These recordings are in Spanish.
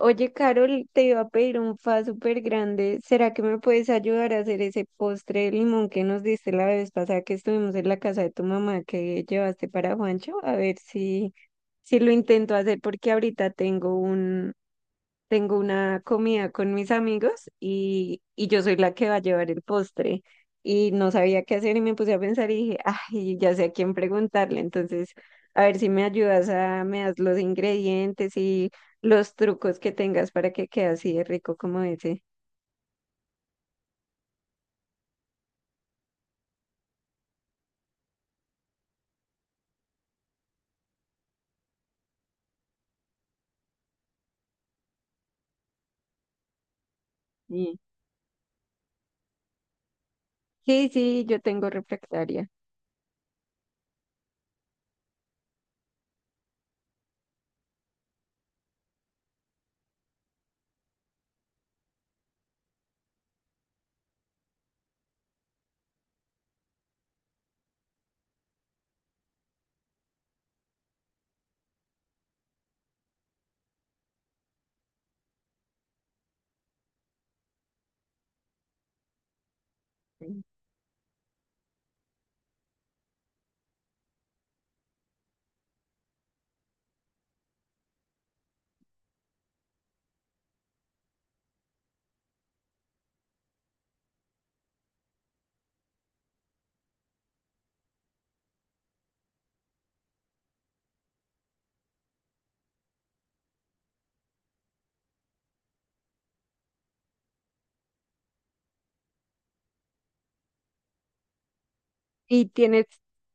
Oye, Carol, te iba a pedir un fa súper grande. ¿Será que me puedes ayudar a hacer ese postre de limón que nos diste la vez pasada que estuvimos en la casa de tu mamá que llevaste para Juancho? A ver si lo intento hacer porque ahorita tengo una comida con mis amigos y yo soy la que va a llevar el postre. Y no sabía qué hacer y me puse a pensar y dije, ay, ya sé a quién preguntarle. Entonces, a ver si me ayudas a, me das los ingredientes y los trucos que tengas para que quede así de rico como ese. Sí. Sí, yo tengo refractaria. ¿Y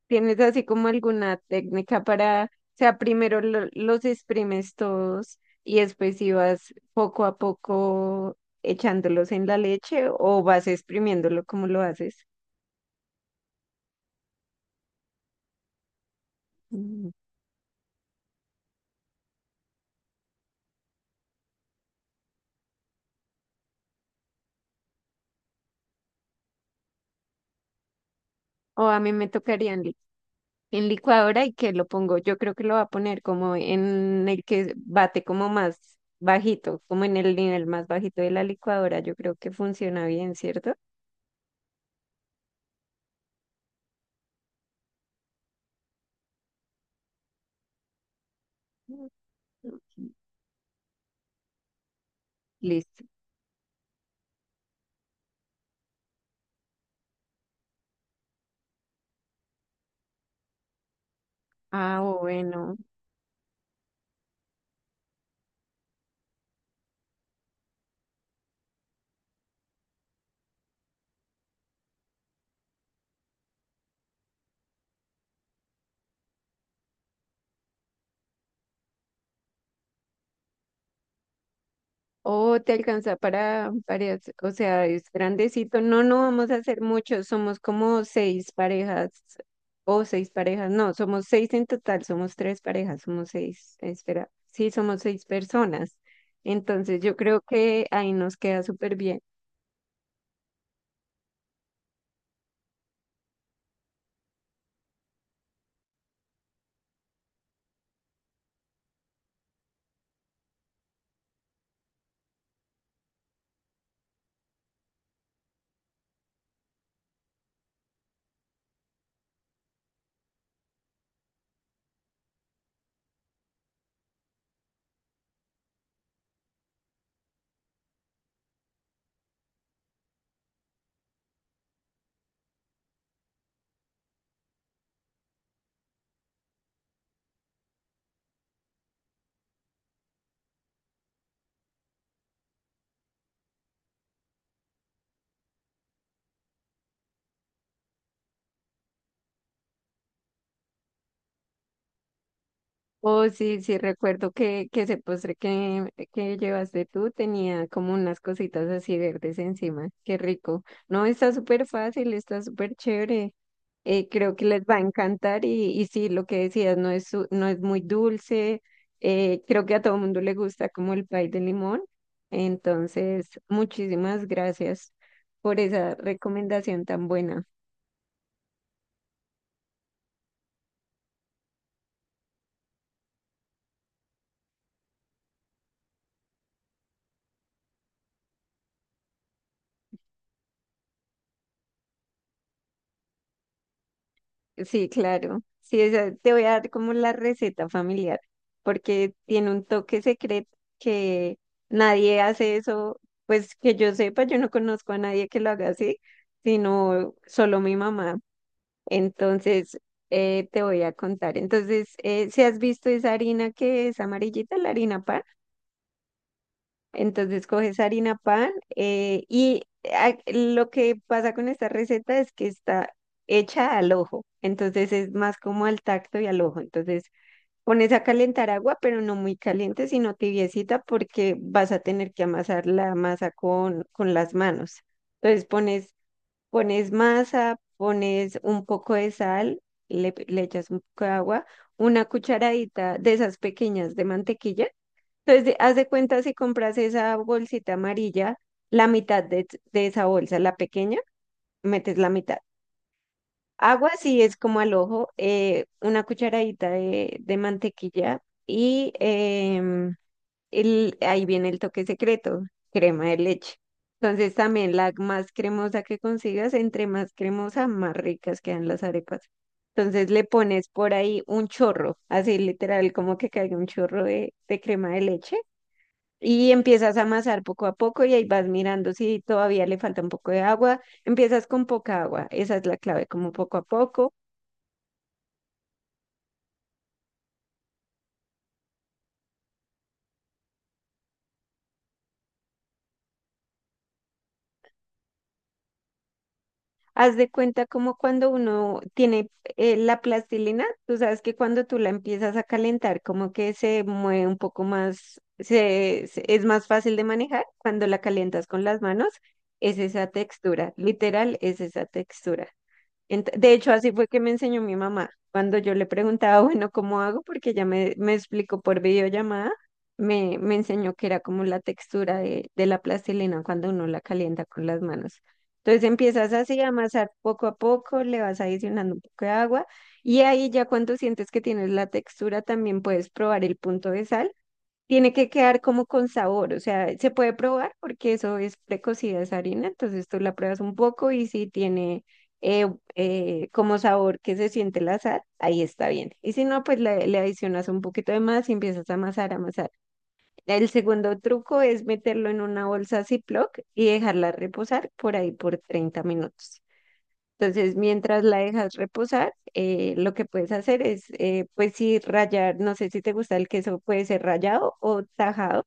tienes así como alguna técnica para, o sea, primero los exprimes todos y después si vas poco a poco echándolos en la leche o vas exprimiéndolo como lo haces? Mm. O a mí me tocaría en licuadora y que lo pongo, yo creo que lo va a poner como en el que bate como más bajito, como en el nivel más bajito de la licuadora, yo creo que funciona bien, ¿cierto? Mm. Listo. Ah, bueno. Oh, te alcanza para parejas, o sea, es grandecito. No, no vamos a hacer muchos, somos como seis parejas o seis parejas, no, somos seis en total, somos tres parejas, somos seis, espera, sí, somos seis personas. Entonces yo creo que ahí nos queda súper bien. Oh, sí, recuerdo que ese postre que llevaste tú tenía como unas cositas así verdes encima. Qué rico. No, está súper fácil, está súper chévere. Creo que les va a encantar y sí, lo que decías, no es, no es muy dulce. Creo que a todo mundo le gusta como el pay de limón. Entonces, muchísimas gracias por esa recomendación tan buena. Sí, claro. Sí, esa, te voy a dar como la receta familiar, porque tiene un toque secreto que nadie hace eso, pues que yo sepa, yo no conozco a nadie que lo haga así, sino solo mi mamá. Entonces, te voy a contar. Entonces, si has visto esa harina que es amarillita, la harina pan. Entonces coges harina pan y lo que pasa con esta receta es que está hecha al ojo, entonces es más como al tacto y al ojo. Entonces pones a calentar agua, pero no muy caliente, sino tibiecita porque vas a tener que amasar la masa con las manos. Entonces pones masa, pones un poco de sal, le echas un poco de agua, una cucharadita de esas pequeñas de mantequilla entonces, haz de cuenta si compras esa bolsita amarilla, la mitad de esa bolsa, la pequeña, metes la mitad. Agua, si es como al ojo, una cucharadita de mantequilla y ahí viene el toque secreto, crema de leche. Entonces, también la más cremosa que consigas, entre más cremosa, más ricas quedan las arepas. Entonces, le pones por ahí un chorro, así literal, como que caiga un chorro de crema de leche y empiezas a amasar poco a poco y ahí vas mirando si todavía le falta un poco de agua. Empiezas con poca agua, esa es la clave, como poco a poco. Haz de cuenta como cuando uno tiene la plastilina, tú sabes que cuando tú la empiezas a calentar, como que se mueve un poco más, es más fácil de manejar cuando la calientas con las manos, es esa textura, literal, es esa textura. De hecho, así fue que me enseñó mi mamá. Cuando yo le preguntaba, bueno, ¿cómo hago? Porque ella me explicó por videollamada, me enseñó que era como la textura de la plastilina cuando uno la calienta con las manos. Entonces empiezas así a amasar poco a poco, le vas adicionando un poco de agua y ahí ya cuando sientes que tienes la textura también puedes probar el punto de sal tiene que quedar como con sabor, o sea, se puede probar porque eso es precocida esa harina, entonces tú la pruebas un poco y si tiene eh, como sabor que se siente la sal, ahí está bien. Y si no, pues le adicionas un poquito de más y empiezas a amasar, amasar. El segundo truco es meterlo en una bolsa Ziploc y dejarla reposar por ahí por 30 minutos. Entonces, mientras la dejas reposar, lo que puedes hacer es, pues sí, rallar, no sé si te gusta el queso, puede ser rallado o tajado,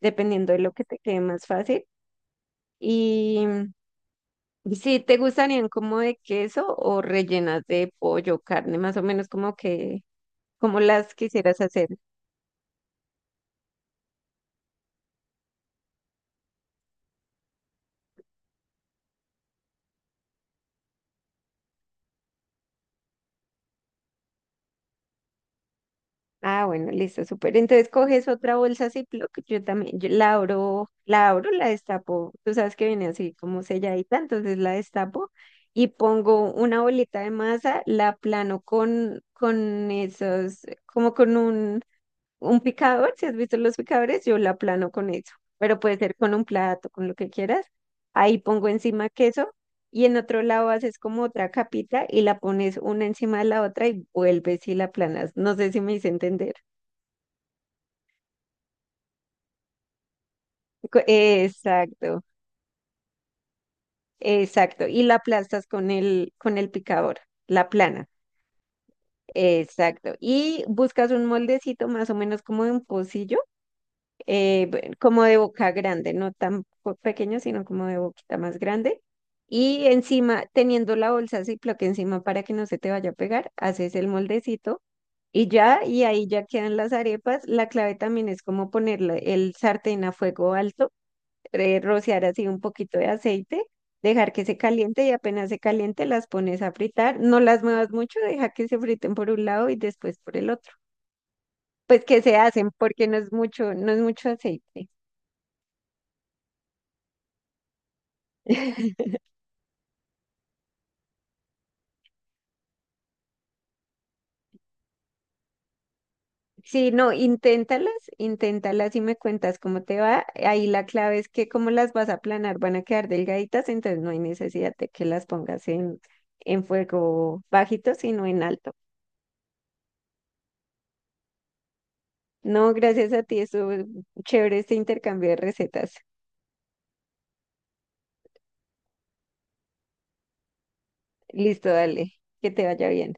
dependiendo de lo que te quede más fácil. Y si te gustarían como de queso o rellenas de pollo, carne, más o menos como como las quisieras hacer. Ah, bueno, listo, súper. Entonces coges otra bolsa Ziploc, yo también, yo la abro, la abro, la destapo. Tú sabes que viene así como selladita, entonces la destapo y pongo una bolita de masa, la plano con esos, como con un picador, si has visto los picadores, yo la aplano con eso, pero puede ser con un plato, con lo que quieras. Ahí pongo encima queso y en otro lado haces como otra capita y la pones una encima de la otra y vuelves y la aplanas. No sé si me hice entender. Exacto, exacto. Y la aplastas con el picador, la plana. Exacto. Y buscas un moldecito más o menos como de un pocillo como de boca grande, no tan pequeño, sino como de boquita más grande. Y encima, teniendo la bolsa Ziploc encima para que no se te vaya a pegar, haces el moldecito y ya, y ahí ya quedan las arepas. La clave también es como ponerle el sartén a fuego alto, rociar así un poquito de aceite, dejar que se caliente y apenas se caliente las pones a fritar. No las muevas mucho, deja que se friten por un lado y después por el otro. Pues que se hacen porque no es mucho, no es mucho aceite. Sí, no, inténtalas, inténtalas y me cuentas cómo te va. Ahí la clave es que como las vas a planar, van a quedar delgaditas, entonces no hay necesidad de que las pongas en fuego bajito, sino en alto. No, gracias a ti, eso chévere este intercambio de recetas. Listo, dale, que te vaya bien.